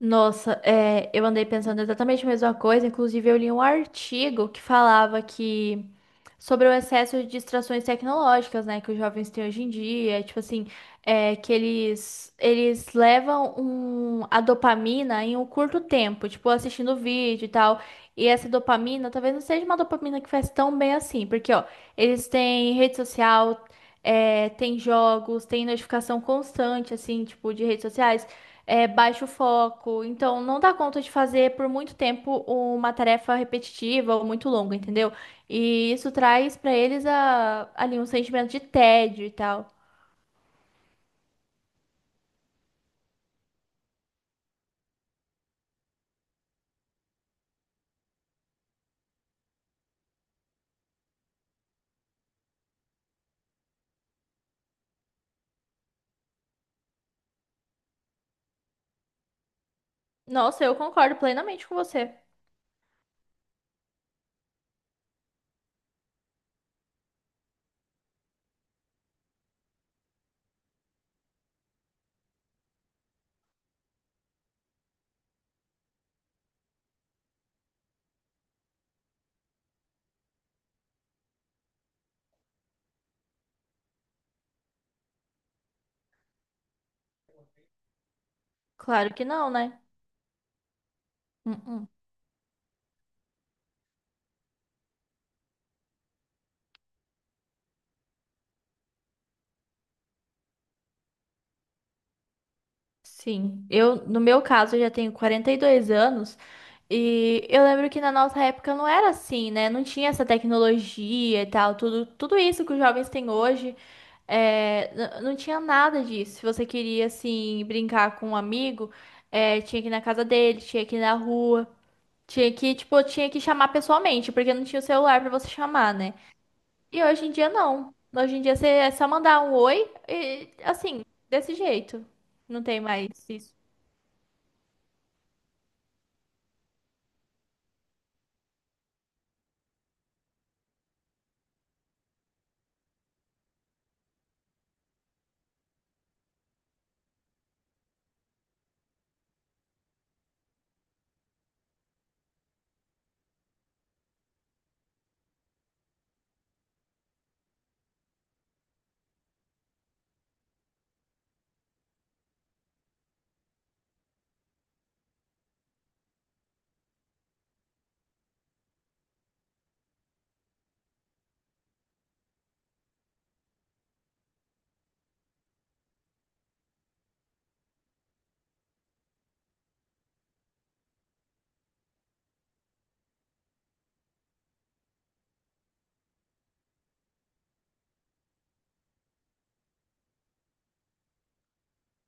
Nossa, eu andei pensando exatamente a mesma coisa. Inclusive, eu li um artigo que falava que sobre o excesso de distrações tecnológicas, né, que os jovens têm hoje em dia, tipo assim, que eles levam a dopamina em um curto tempo, tipo assistindo vídeo e tal. E essa dopamina talvez não seja uma dopamina que faz tão bem assim, porque ó, eles têm rede social, tem jogos, tem notificação constante, assim, tipo, de redes sociais, baixo foco. Então, não dá conta de fazer por muito tempo uma tarefa repetitiva ou muito longa, entendeu? E isso traz pra eles ali um sentimento de tédio e tal. Nossa, eu concordo plenamente com você. Claro que não, né? Uhum. Sim, eu, no meu caso, eu já tenho 42 anos e eu lembro que na nossa época não era assim, né? Não tinha essa tecnologia e tal, tudo isso que os jovens têm hoje, não tinha nada disso. Se você queria, assim, brincar com um amigo, tinha que ir na casa dele, tinha que ir na rua, tipo, tinha que chamar pessoalmente, porque não tinha o celular pra você chamar, né? E hoje em dia não. Hoje em dia você é só mandar um oi e, assim, desse jeito. Não tem mais isso.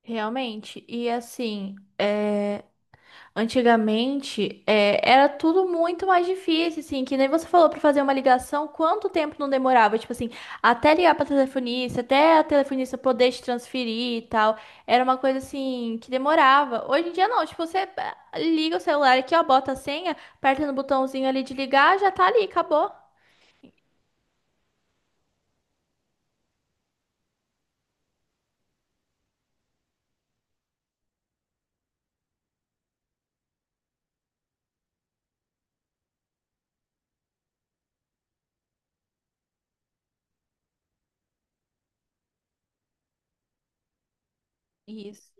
Realmente, e assim, antigamente era tudo muito mais difícil, assim, que nem você falou para fazer uma ligação, quanto tempo não demorava? Tipo assim, até ligar para telefonista, até a telefonista poder te transferir e tal, era uma coisa assim que demorava. Hoje em dia não, tipo, você liga o celular aqui, ó, bota a senha, aperta no botãozinho ali de ligar, já tá ali, acabou. Isso,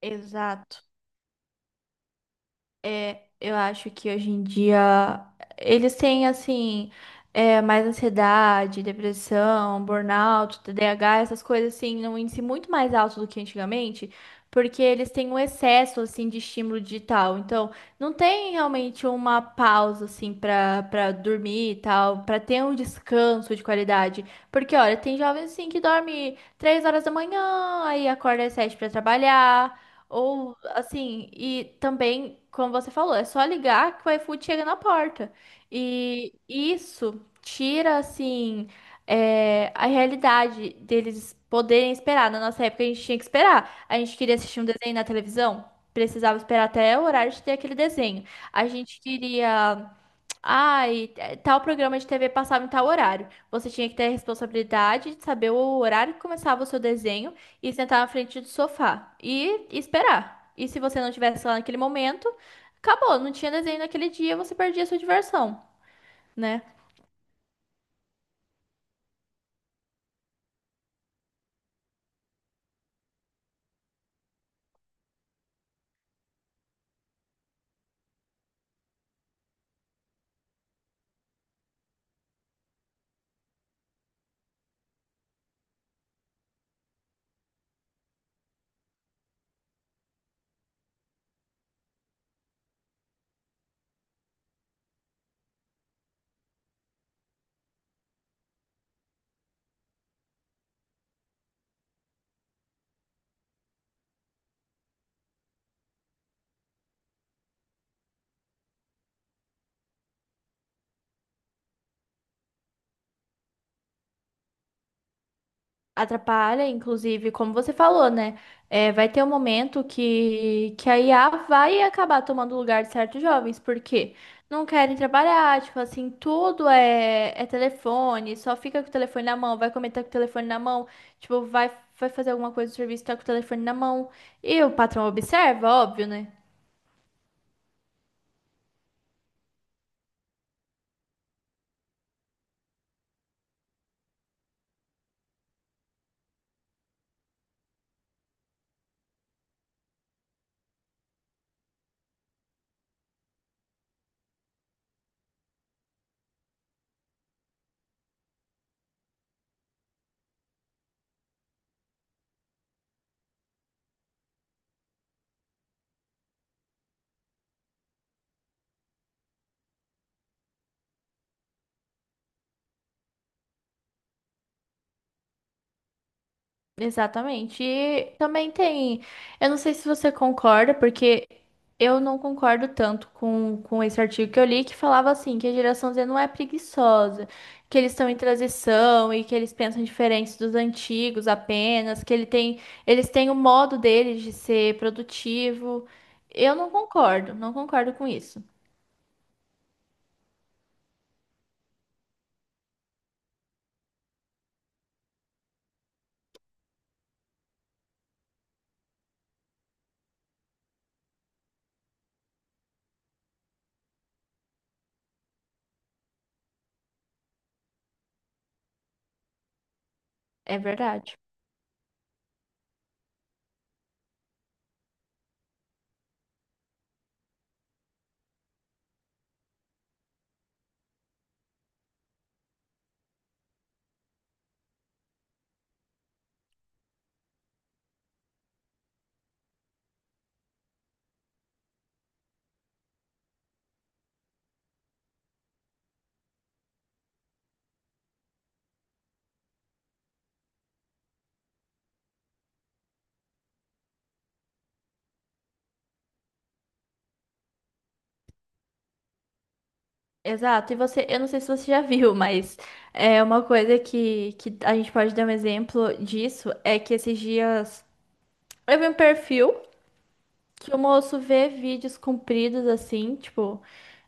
exato. Eu acho que hoje em dia eles têm assim mais ansiedade, depressão, burnout, TDAH, essas coisas assim, num índice muito mais alto do que antigamente, porque eles têm um excesso assim de estímulo digital. Então, não tem realmente uma pausa assim para dormir e tal, para ter um descanso de qualidade. Porque olha, tem jovens assim que dorme 3 horas da manhã, aí acorda às 7 para trabalhar. Ou assim, e também, como você falou, é só ligar que o iFood chega na porta. E isso tira, assim, a realidade deles poderem esperar. Na nossa época, a gente tinha que esperar. A gente queria assistir um desenho na televisão, precisava esperar até o horário de ter aquele desenho. A gente queria. Ai, tal programa de TV passava em tal horário. Você tinha que ter a responsabilidade de saber o horário que começava o seu desenho e sentar na frente do sofá e esperar. E se você não tivesse lá naquele momento, acabou, não tinha desenho naquele dia, você perdia a sua diversão, né? Atrapalha, inclusive, como você falou, né? Vai ter um momento que a IA vai acabar tomando o lugar de certos jovens, porque não querem trabalhar, tipo assim, tudo é telefone, só fica com o telefone na mão, vai comentar com o telefone na mão, tipo, vai fazer alguma coisa do serviço, tá com o telefone na mão. E o patrão observa, óbvio, né? Exatamente. E também tem. Eu não sei se você concorda, porque eu não concordo tanto com esse artigo que eu li, que falava assim, que a geração Z não é preguiçosa, que eles estão em transição e que eles pensam diferente dos antigos apenas, eles têm o modo deles de ser produtivo. Eu não concordo, não concordo com isso. É verdade. Exato, e você, eu não sei se você já viu, mas é uma coisa que a gente pode dar um exemplo disso é que esses dias eu vi um perfil que o moço vê vídeos compridos assim, tipo,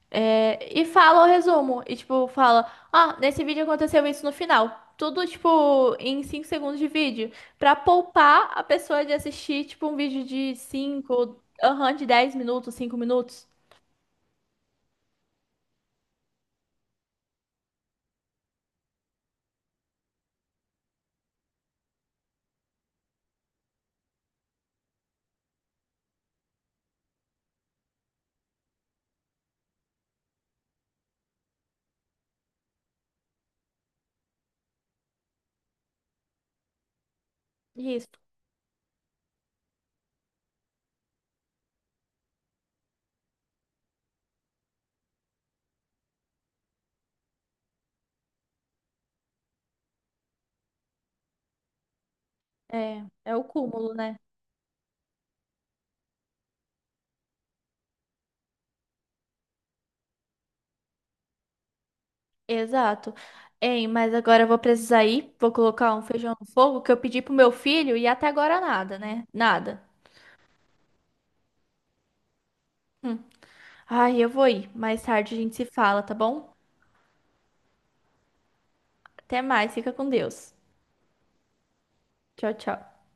e fala o resumo, e tipo, fala, ah, nesse vídeo aconteceu isso no final. Tudo, tipo, em 5 segundos de vídeo, pra poupar a pessoa de assistir, tipo, um vídeo de 5, aham, de 10 minutos, 5 minutos. Isso, é o cúmulo, né? Exato. Ei, mas agora eu vou precisar ir, vou colocar um feijão no fogo que eu pedi pro meu filho e até agora nada, né? Nada. Hum. Ai, eu vou ir. Mais tarde a gente se fala, tá bom? Até mais, fica com Deus. Tchau, tchau.